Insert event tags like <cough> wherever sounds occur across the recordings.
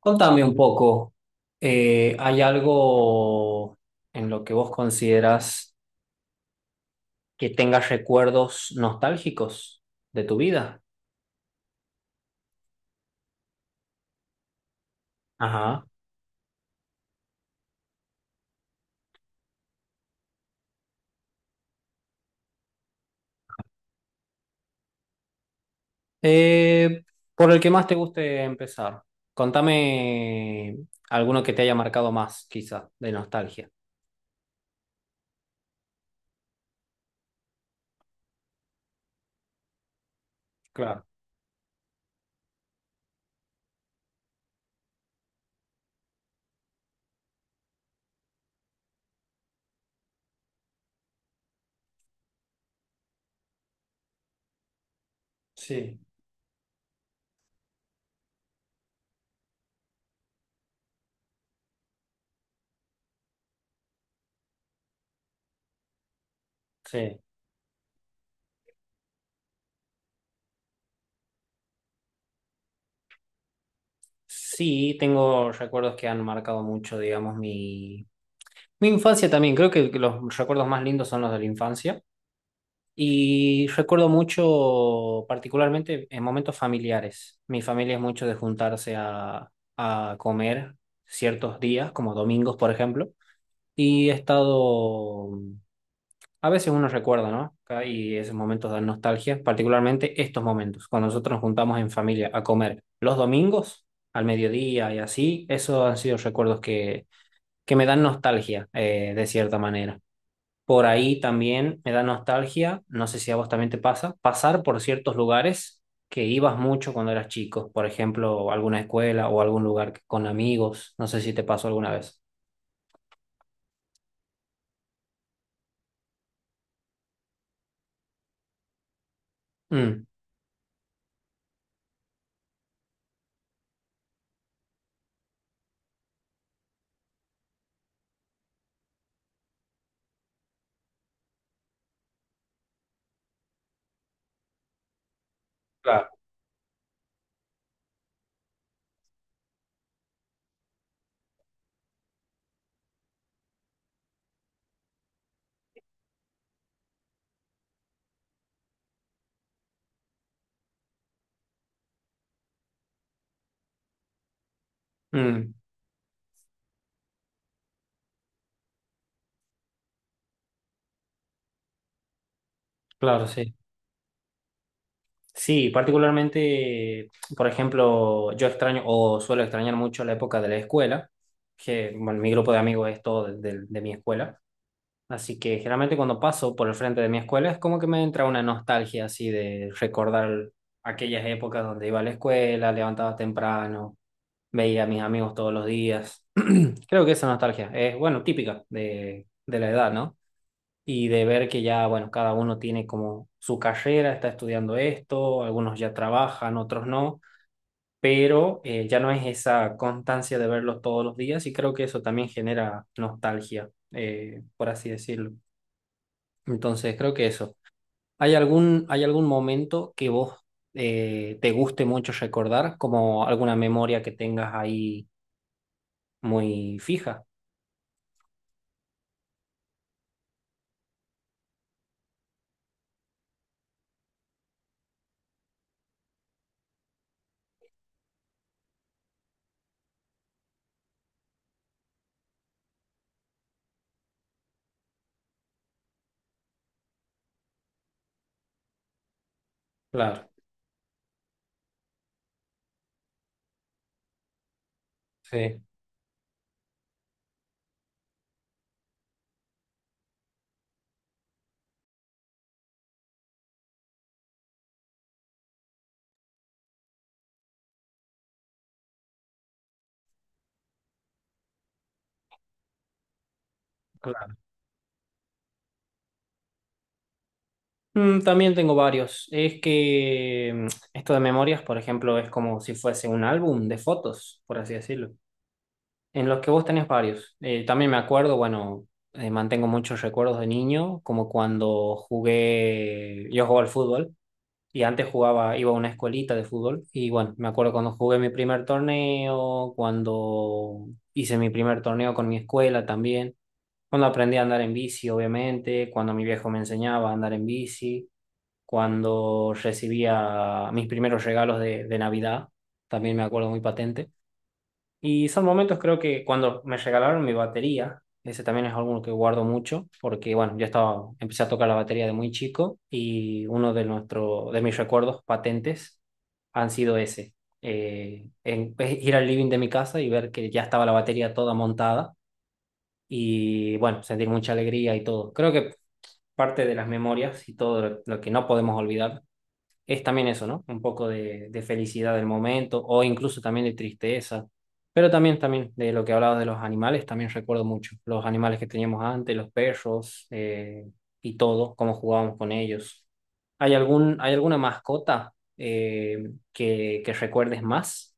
Contame un poco, ¿hay algo en lo que vos consideras que tengas recuerdos nostálgicos de tu vida? Ajá. Eh, por el que más te guste empezar. Contame alguno que te haya marcado más, quizá, de nostalgia. Claro, sí, sí. Sí, tengo recuerdos que han marcado mucho, digamos, mi infancia también. Creo que los recuerdos más lindos son los de la infancia. Y recuerdo mucho, particularmente en momentos familiares. Mi familia es mucho de juntarse a comer ciertos días, como domingos, por ejemplo. Y he estado, a veces uno recuerda, ¿no? Acá. Y esos momentos de nostalgia, particularmente estos momentos, cuando nosotros nos juntamos en familia a comer los domingos, al mediodía y así, esos han sido recuerdos que me dan nostalgia, de cierta manera. Por ahí también me da nostalgia, no sé si a vos también te pasa, pasar por ciertos lugares que ibas mucho cuando eras chico, por ejemplo, alguna escuela o algún con amigos, no sé si te pasó alguna vez. Mm. Claro. Mm, claro, sí. Sí, particularmente, por ejemplo, yo extraño o suelo extrañar mucho la época de la escuela, que bueno, mi grupo de amigos es todo de mi escuela. Así que generalmente cuando paso por el frente de mi escuela es como que me entra una nostalgia así de recordar aquellas épocas donde iba a la escuela, levantaba temprano, veía a mis amigos todos los días. Creo que esa nostalgia es, bueno, típica de la edad, ¿no? Y de ver que ya, bueno, cada uno tiene como su carrera, está estudiando esto, algunos ya trabajan, otros no, pero ya no es esa constancia de verlos todos los días y creo que eso también genera nostalgia, por así decirlo. Entonces, creo que eso. ¿Hay algún momento que vos te guste mucho recordar, como alguna memoria que tengas ahí muy fija? Claro, sí. Claro. Mm, también tengo varios. Es que mm, esto de memorias, por ejemplo, es como si fuese un álbum de fotos, por así decirlo, en los que vos tenés varios. También me acuerdo, bueno, mantengo muchos recuerdos de niño, como cuando jugué, yo jugaba al fútbol. Y antes jugaba, iba a una escuelita de fútbol. Y bueno, me acuerdo cuando jugué mi primer torneo, cuando hice mi primer torneo con mi escuela también, cuando aprendí a andar en bici, obviamente, cuando mi viejo me enseñaba a andar en bici, cuando recibía mis primeros regalos de Navidad, también me acuerdo muy patente. Y son momentos, creo que cuando me regalaron mi batería, ese también es algo que guardo mucho, porque bueno, empecé a tocar la batería de muy chico y de mis recuerdos patentes han sido ese. Es ir al living de mi casa y ver que ya estaba la batería toda montada y bueno, sentir mucha alegría y todo. Creo que parte de las memorias y todo lo que no podemos olvidar es también eso, ¿no? Un poco de felicidad del momento o incluso también de tristeza. Pero también, también de lo que hablabas de los animales, también recuerdo mucho los animales que teníamos antes, los perros y todo, cómo jugábamos con ellos. ¿Hay alguna mascota que recuerdes más?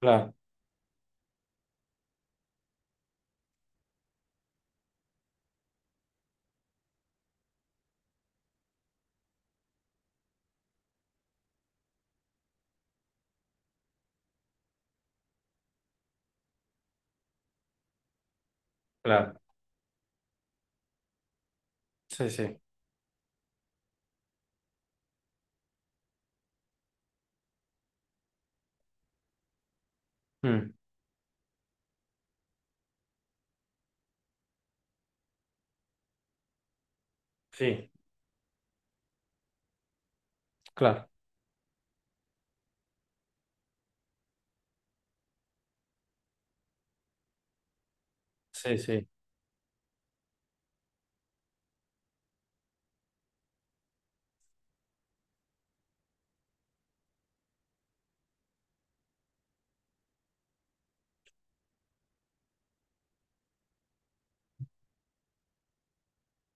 Claro, claro. Sí, sí. Mm. Sí, claro. Sí, sí.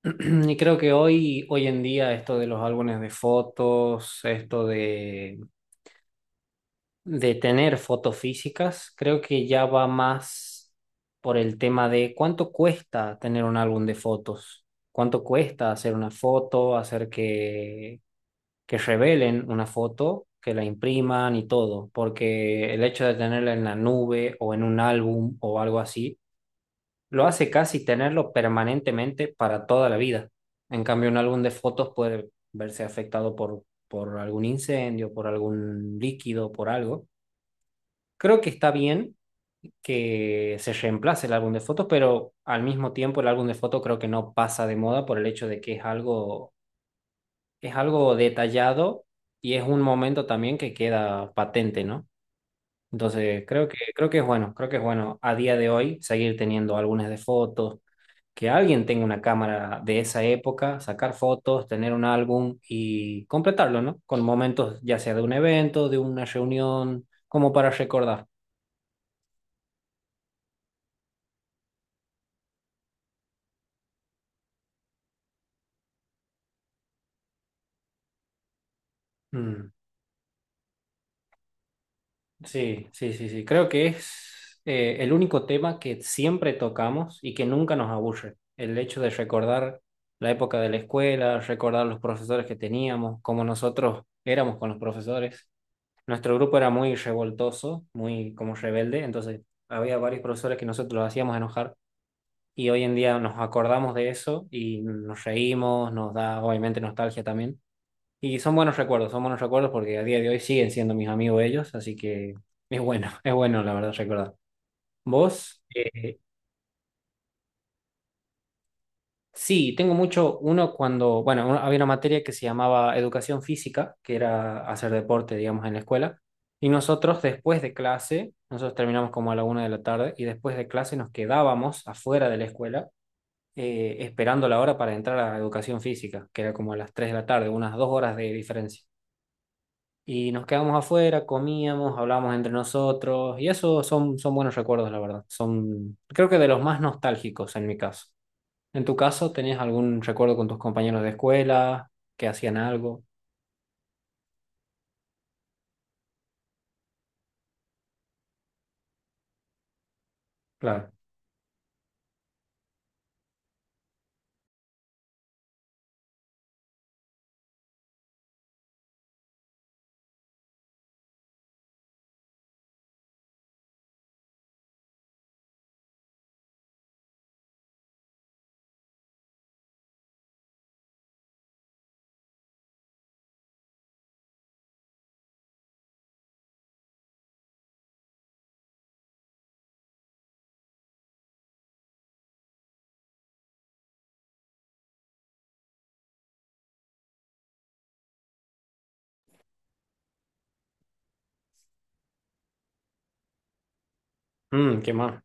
<clears throat> Y creo que hoy, hoy en día esto de los álbumes de fotos, esto de tener fotos físicas, creo que ya va más por el tema de cuánto cuesta tener un álbum de fotos, cuánto cuesta hacer una foto, hacer que revelen una foto, que la impriman y todo, porque el hecho de tenerla en la nube o en un álbum o algo así, lo hace casi tenerlo permanentemente para toda la vida. En cambio, un álbum de fotos puede verse afectado por algún incendio, por algún líquido, por algo. Creo que está bien que se reemplace el álbum de fotos, pero al mismo tiempo el álbum de fotos creo que no pasa de moda por el hecho de que es algo detallado y es un momento también que queda patente, ¿no? Entonces, creo que es bueno, creo que es bueno a día de hoy seguir teniendo álbumes de fotos, que alguien tenga una cámara de esa época, sacar fotos, tener un álbum y completarlo, ¿no? Con momentos ya sea de un evento, de una reunión, como para recordar. Mm. Sí, sí, sí, sí. Creo que es el único tema que siempre tocamos y que nunca nos aburre. El hecho de recordar la época de la escuela, recordar los profesores que teníamos, cómo nosotros éramos con los profesores. Nuestro grupo era muy revoltoso, muy como rebelde, entonces había varios profesores que nosotros los hacíamos enojar y hoy en día nos acordamos de eso y nos reímos, nos da obviamente nostalgia también y son buenos recuerdos porque a día de hoy siguen siendo mis amigos ellos, así que es bueno, <laughs> es bueno la verdad recordar. ¿Vos? Sí, tengo mucho, uno cuando, bueno, había una materia que se llamaba educación física, que era hacer deporte, digamos, en la escuela, y nosotros después de clase, nosotros terminamos como a la 1 de la tarde, y después de clase nos quedábamos afuera de la escuela esperando la hora para entrar a educación física, que era como a las 3 de la tarde, unas 2 horas de diferencia. Y nos quedábamos afuera, comíamos, hablábamos entre nosotros y eso son, son buenos recuerdos, la verdad. Son, creo que de los más nostálgicos en mi caso. En tu caso, ¿tenías algún recuerdo con tus compañeros de escuela que hacían algo? Claro. Mm, qué mal.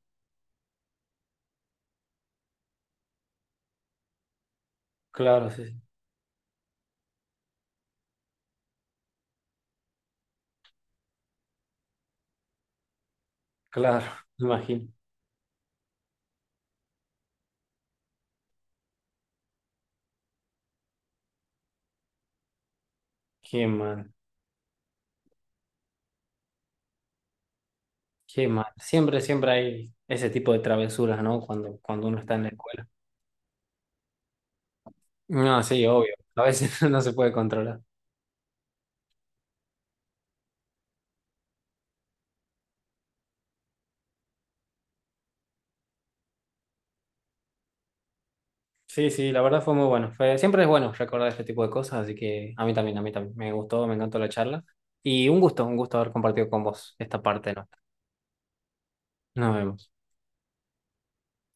Claro, sí, sí. Claro, <laughs> me imagino. Qué mal, qué mal. Siempre, siempre hay ese tipo de travesuras, ¿no? Cuando uno está en la escuela. No, sí, obvio. A veces <laughs> no se puede controlar. Sí, sí, la verdad fue muy bueno. Siempre es bueno recordar este tipo de cosas, así que a mí también, a mí también. Me gustó, me encantó la charla. Y un gusto haber compartido con vos esta parte, ¿no? Nos vemos.